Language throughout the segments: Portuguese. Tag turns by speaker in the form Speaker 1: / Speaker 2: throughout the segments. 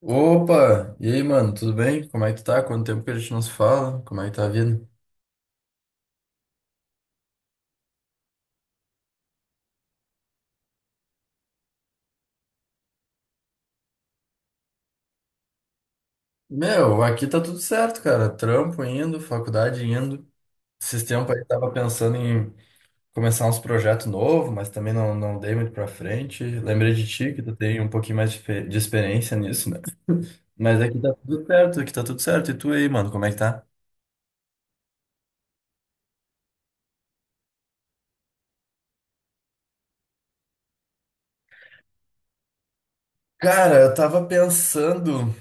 Speaker 1: Opa! E aí, mano, tudo bem? Como é que tu tá? Quanto tempo que a gente não se fala? Como é que tá a vida? Meu, aqui tá tudo certo, cara. Trampo indo, faculdade indo. Esses tempos aí tava pensando em começar uns projetos novos, mas também não, não dei muito pra frente. Lembrei de ti, que tu tem um pouquinho mais de experiência nisso, né? Mas aqui tá tudo certo, aqui tá tudo certo. E tu aí, mano, como é que tá? Cara, eu tava pensando.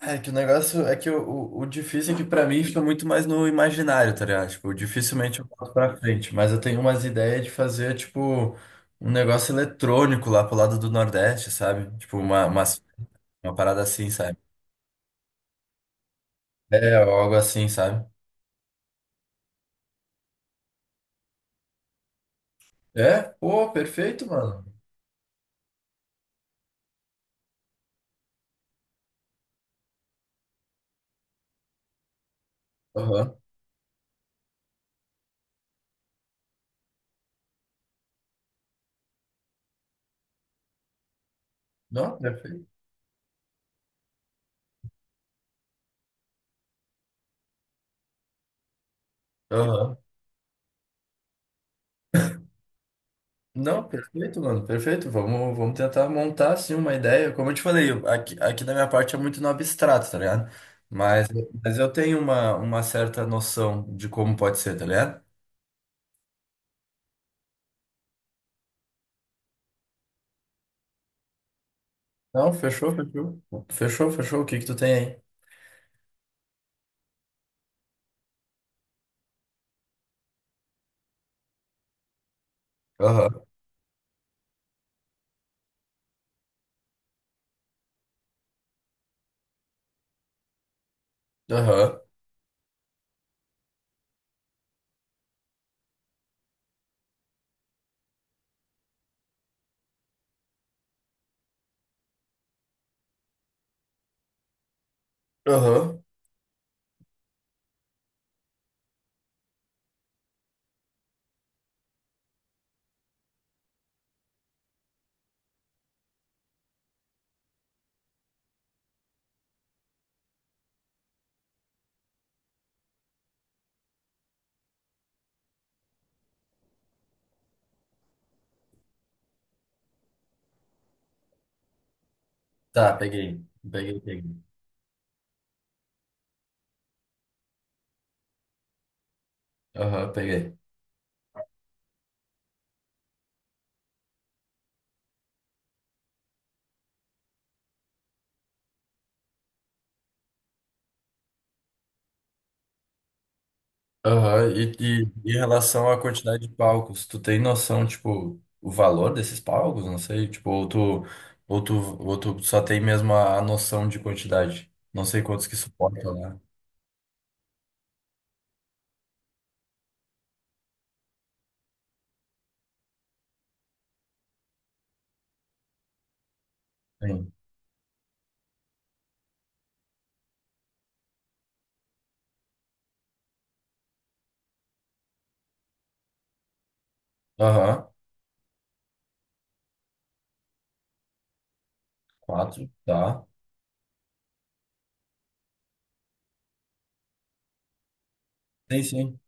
Speaker 1: É que o negócio é que o, o difícil é que pra mim fica muito mais no imaginário, tá ligado? Tipo, dificilmente eu boto pra frente, mas eu tenho umas ideias de fazer, tipo, um negócio eletrônico lá pro lado do Nordeste, sabe? Tipo, uma parada assim, sabe? É, ou algo assim, sabe? É? Pô, perfeito, mano. Aham. Não, perfeito. Aham. Não, perfeito, mano, perfeito. Vamos tentar montar assim uma ideia. Como eu te falei, aqui da minha parte é muito no abstrato, tá ligado? Mas, mas eu tenho uma certa noção de como pode ser, tá ligado? Não, fechou, fechou. Fechou, fechou. O que que tu tem aí? Aham, aham, aham. Tá, peguei. Peguei, peguei. Aham, peguei. Aham. E em relação à quantidade de palcos, tu tem noção, tipo, o valor desses palcos? Não sei, tipo, ou tu, ou tu só tem mesmo a noção de quantidade? Não sei quantos que suportam lá. Tem. Aham. Quatro, tá. Sim, sim.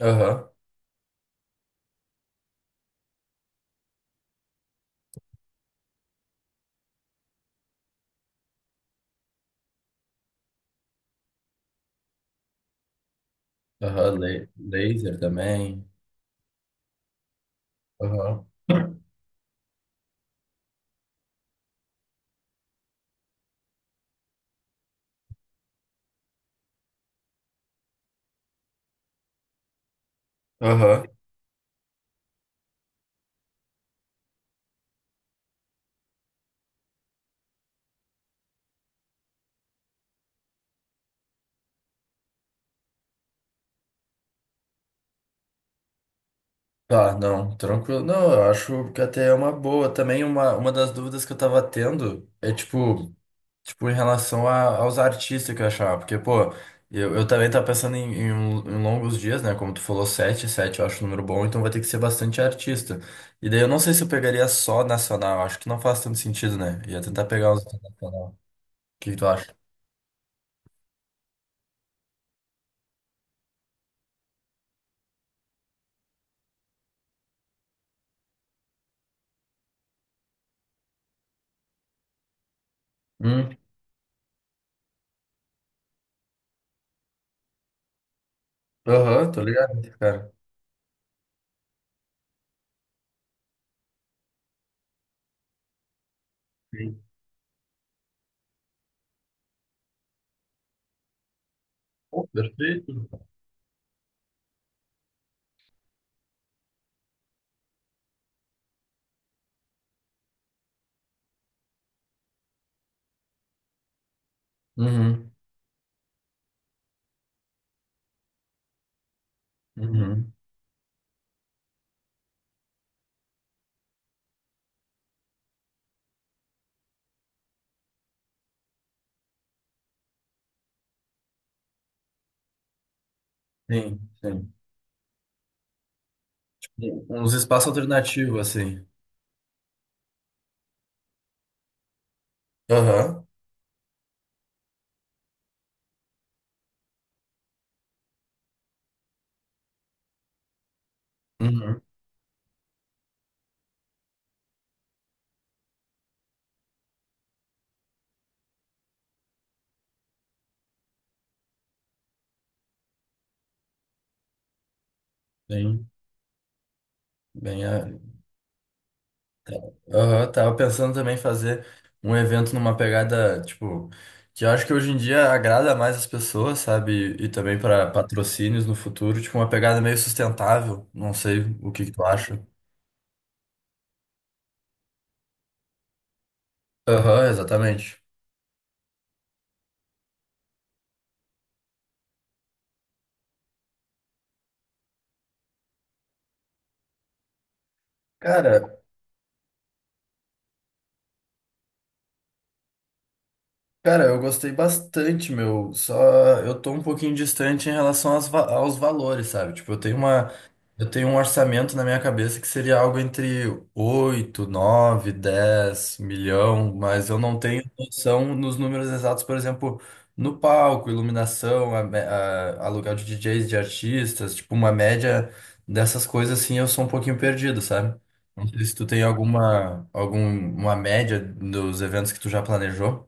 Speaker 1: Aham. Aham, Laser também. Aham. Aham. Tá, não, tranquilo. Não, eu acho que até é uma boa. Também uma das dúvidas que eu tava tendo é tipo. Tipo, em relação aos artistas que eu achava, porque, pô, eu também tava pensando em longos dias, né? Como tu falou, sete eu acho um número bom, então vai ter que ser bastante artista. E daí eu não sei se eu pegaria só nacional, acho que não faz tanto sentido, né? Ia tentar pegar os internacional. O que que tu acha? Hum, aham, tô ligado, cara. Sim. Pô, perfeito. Uhum, uhum. Sim, sim. Uns espaços alternativos, assim. Aham, uhum, sim. Bem. Aham, tava pensando também em fazer um evento numa pegada, tipo, que eu acho que hoje em dia agrada mais as pessoas, sabe? E também para patrocínios no futuro, tipo, uma pegada meio sustentável. Não sei o que que tu acha. Aham, exatamente. Cara, Cara, eu gostei bastante, meu. Só eu tô um pouquinho distante em relação aos valores, sabe? Tipo, eu tenho um orçamento na minha cabeça que seria algo entre 8, 9, 10 milhão, mas eu não tenho noção nos números exatos, por exemplo, no palco, iluminação, aluguel de DJs, de artistas, tipo, uma média dessas coisas assim, eu sou um pouquinho perdido, sabe? Não sei se tu tem alguma média dos eventos que tu já planejou.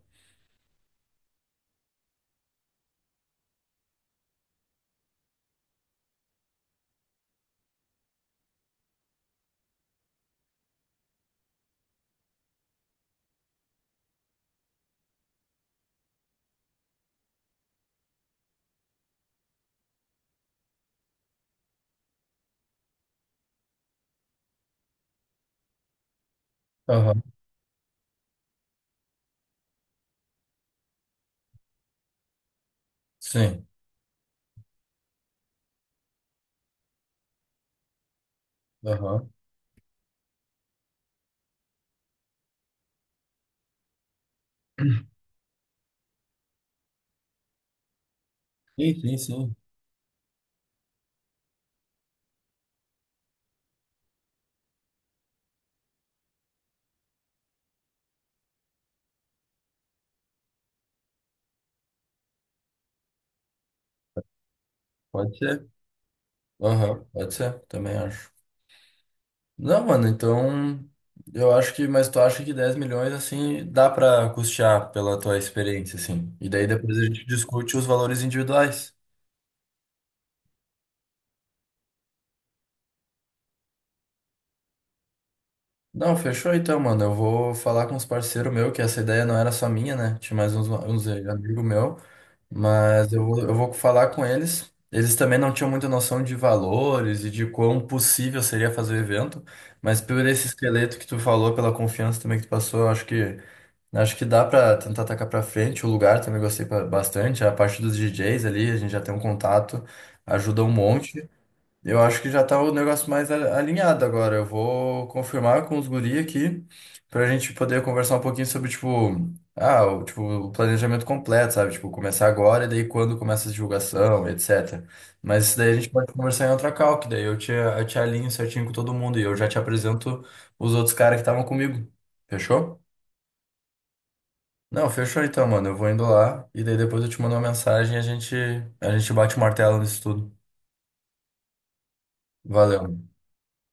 Speaker 1: Sim. Aham. Sim, sim, sim. Pode ser. Aham, pode ser. Também acho. Não, mano, então. Eu acho que. Mas tu acha que 10 milhões, assim, dá pra custear pela tua experiência, assim. E daí depois a gente discute os valores individuais. Não, fechou então, mano. Eu vou falar com os parceiros meus, que essa ideia não era só minha, né? Tinha mais uns amigos meus. Mas eu vou falar com eles. Eles também não tinham muita noção de valores e de quão possível seria fazer o evento, mas por esse esqueleto que tu falou, pela confiança também que tu passou, eu acho que dá pra tentar atacar pra frente. O lugar também gostei bastante, a parte dos DJs ali, a gente já tem um contato, ajuda um monte. Eu acho que já tá o negócio mais alinhado agora. Eu vou confirmar com os guri aqui pra gente poder conversar um pouquinho sobre, tipo, o planejamento completo, sabe? Tipo, começar agora e daí quando começa a divulgação, etc. Mas isso daí a gente pode conversar em outra call, que daí eu te alinho certinho com todo mundo e eu já te apresento os outros caras que estavam comigo. Fechou? Não, fechou então, mano. Eu vou indo lá e daí depois eu te mando uma mensagem e a gente, bate o martelo nisso tudo. Valeu.